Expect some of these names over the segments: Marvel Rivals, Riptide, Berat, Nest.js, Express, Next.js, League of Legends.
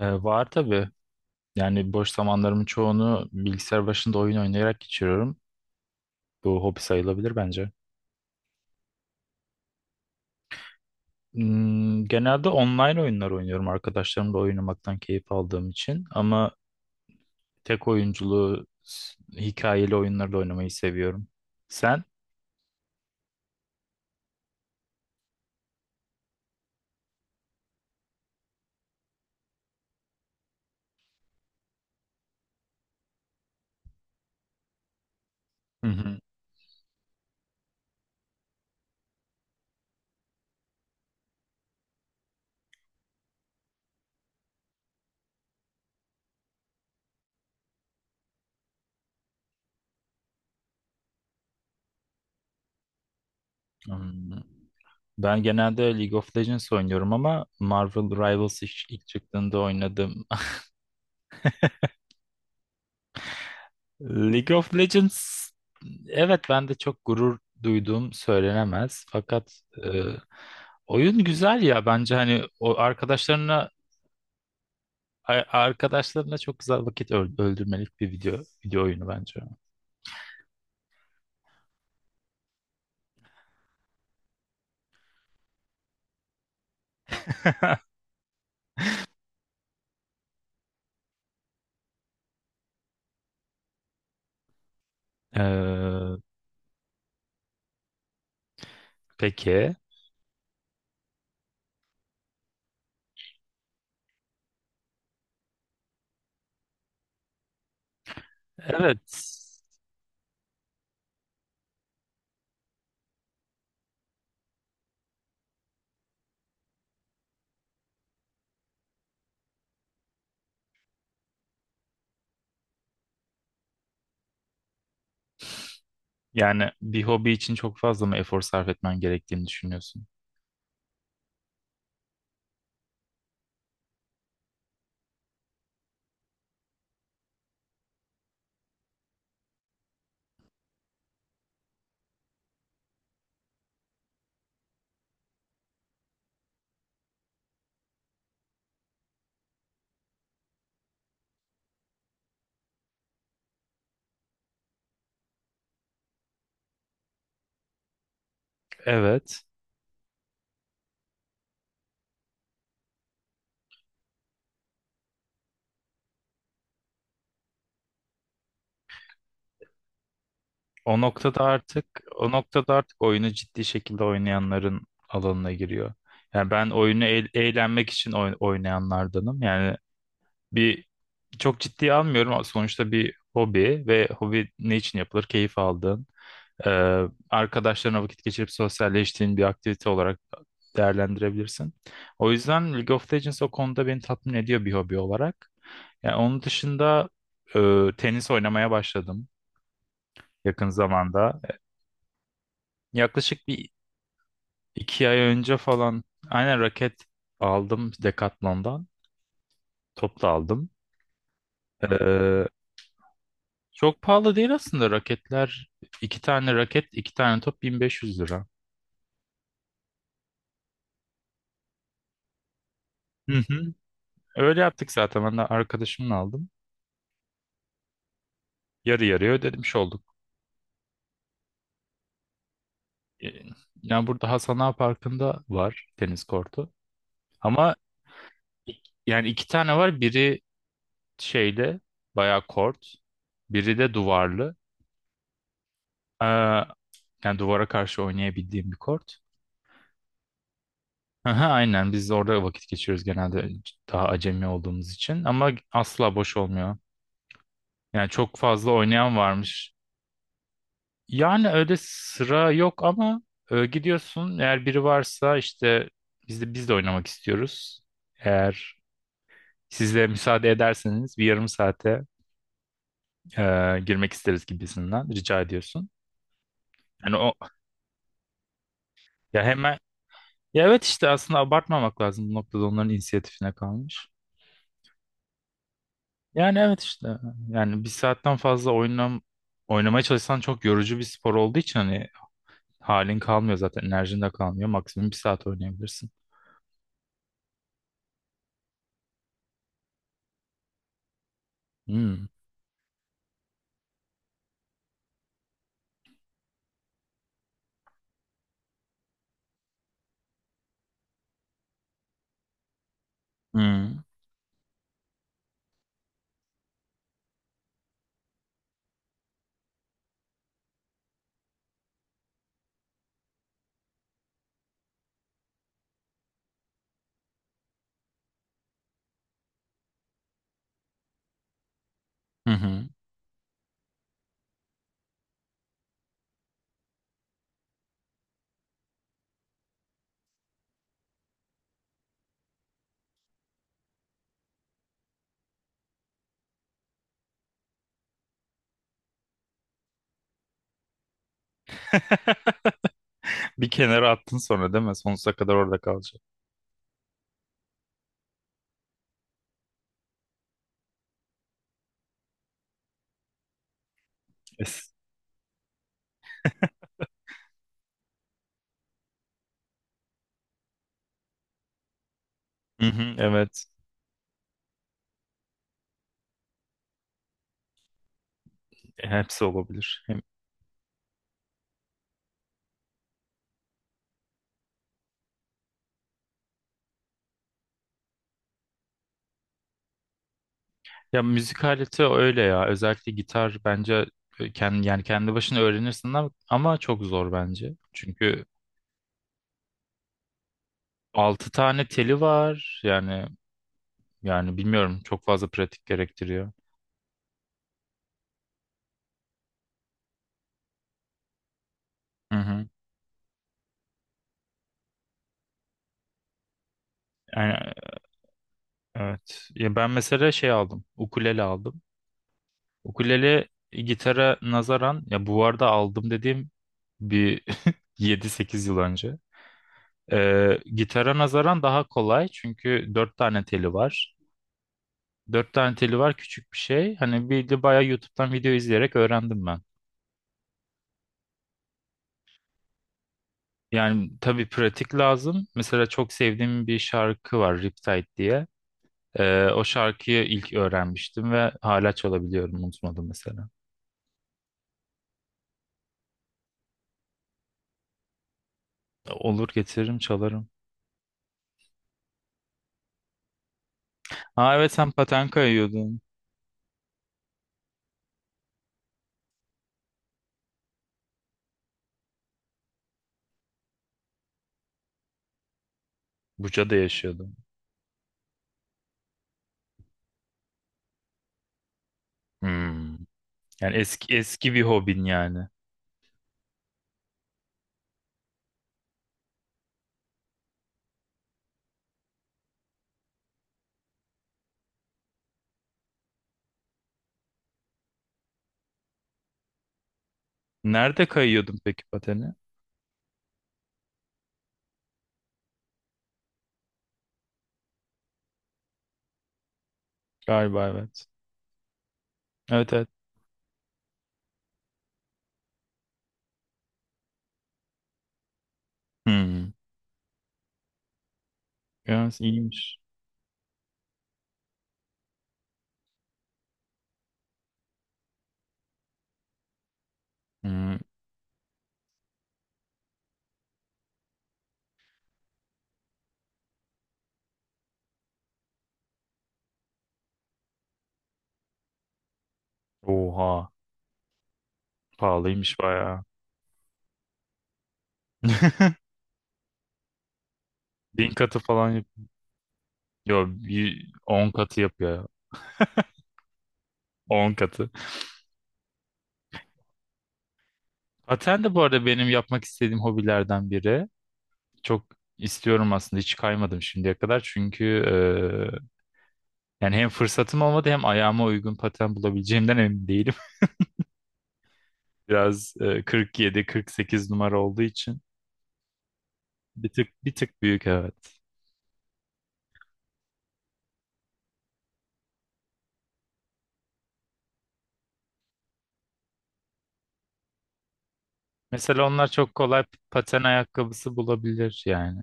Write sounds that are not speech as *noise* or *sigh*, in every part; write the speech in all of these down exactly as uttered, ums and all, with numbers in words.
Ee, var tabii. Yani boş zamanlarımın çoğunu bilgisayar başında oyun oynayarak geçiriyorum. Bu hobi sayılabilir bence. Hmm, genelde online oyunlar oynuyorum arkadaşlarımla oynamaktan keyif aldığım için. Ama tek oyunculuğu s- hikayeli oyunları da oynamayı seviyorum. Sen? Hı hı. Hmm, Ben genelde League of Legends oynuyorum ama Marvel Rivals ilk ilk çıktığında oynadım. League of Legends, evet, ben de çok gurur duyduğum söylenemez. Fakat e, oyun güzel ya, bence hani o arkadaşlarına a- arkadaşlarına çok güzel vakit öl- öldürmelik bir video video oyunu bence. *laughs* Ee, peki. Evet. Yani bir hobi için çok fazla mı efor sarf etmen gerektiğini düşünüyorsun? Evet. O noktada artık o noktada artık oyunu ciddi şekilde oynayanların alanına giriyor. Yani ben oyunu eğ- eğlenmek için oyn- oynayanlardanım. Yani bir çok ciddiye almıyorum. Sonuçta bir hobi, ve hobi ne için yapılır? Keyif aldığın, e, arkadaşlarına vakit geçirip sosyalleştiğin bir aktivite olarak değerlendirebilirsin. O yüzden League of Legends o konuda beni tatmin ediyor bir hobi olarak. Yani onun dışında e, tenis oynamaya başladım yakın zamanda. Yaklaşık bir. İki ay önce falan, aynen, raket aldım Decathlon'dan. Top da aldım. Ee, çok pahalı değil aslında raketler. İki tane raket, iki tane top bin beş yüz lira. Hı hı. Öyle yaptık zaten. Ben de arkadaşımla aldım. Yarı yarıya ödemiş olduk. Ee, Yani burada Hasan Ağa Parkı'nda var tenis kortu. Ama yani iki tane var. Biri şeyle bayağı kort. Biri de duvarlı. Ee, yani duvara karşı oynayabildiğim bir kort. Aha, aynen, biz orada vakit geçiriyoruz genelde daha acemi olduğumuz için, ama asla boş olmuyor. Yani çok fazla oynayan varmış. Yani öyle sıra yok ama e, gidiyorsun, eğer biri varsa işte biz de biz de oynamak istiyoruz. Eğer siz de müsaade ederseniz bir yarım saate e, girmek isteriz gibisinden rica ediyorsun. Yani o, ya hemen, ya, evet işte, aslında abartmamak lazım, bu noktada onların inisiyatifine kalmış. Yani evet işte, yani bir saatten fazla oynam oynamaya çalışsan çok yorucu bir spor olduğu için hani halin kalmıyor, zaten enerjin de kalmıyor. Maksimum bir saat oynayabilirsin. Hmm. Hmm. Hı hı. *laughs* Bir kenara attın sonra, değil mi? Sonsuza kadar orada kalacak. Es- Hı hı, evet. Hepsi olabilir. Hem- Ya, müzik aleti öyle ya. Özellikle gitar bence kendi, yani kendi başına öğrenirsin ama ama çok zor bence. Çünkü altı tane teli var. Yani, yani bilmiyorum, çok fazla pratik gerektiriyor. Hı hı. Yani, evet. Ya ben mesela şey aldım. Ukulele aldım. Ukulele gitara nazaran, ya bu arada aldım dediğim bir *laughs* yedi sekiz yıl önce. Ee, gitara nazaran daha kolay, çünkü dört tane teli var. Dört tane teli var, küçük bir şey. Hani, bir de bayağı YouTube'dan video izleyerek öğrendim ben. Yani tabii pratik lazım. Mesela çok sevdiğim bir şarkı var, Riptide diye. Ee, o şarkıyı ilk öğrenmiştim ve hala çalabiliyorum. Unutmadım mesela. Olur, getiririm, çalarım. Aa, evet, sen paten kayıyordun. Buca'da yaşıyordun. Hmm. Yani eski eski bir hobin yani. Nerede kayıyordun peki pateni? Galiba evet. Evet, evet. Hmm. Evet, iyiymiş. Hmm. Oha. Pahalıymış bayağı. *laughs* Bin katı falan yap. Yo, bir on katı yapıyor. On katı. Paten de bu arada benim yapmak istediğim hobilerden biri. Çok istiyorum aslında, hiç kaymadım şimdiye kadar çünkü e, yani hem fırsatım olmadı, hem ayağıma uygun paten bulabileceğimden emin değilim. *laughs* Biraz e, kırk yedi kırk sekiz numara olduğu için bir tık bir tık büyük, evet. Mesela onlar çok kolay paten ayakkabısı bulabilir yani.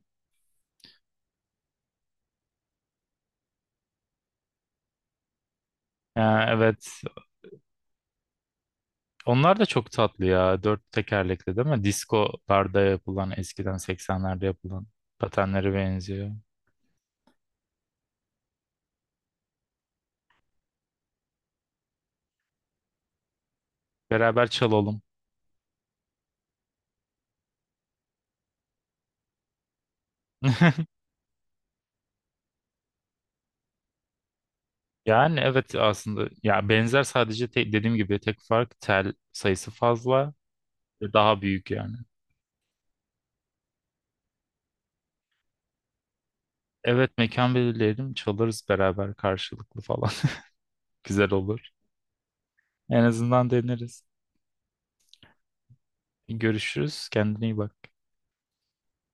Ya, evet. Onlar da çok tatlı ya. Dört tekerlekli, değil mi? Diskolarda yapılan, eskiden seksenlerde yapılan patenlere benziyor. Beraber çalalım. *laughs* Yani evet aslında, ya benzer, sadece te- dediğim gibi tek fark tel sayısı fazla ve daha büyük yani. Evet, mekan belirleyelim, çalarız beraber karşılıklı falan. *laughs* Güzel olur. En azından deneriz. Görüşürüz. Kendine iyi bak.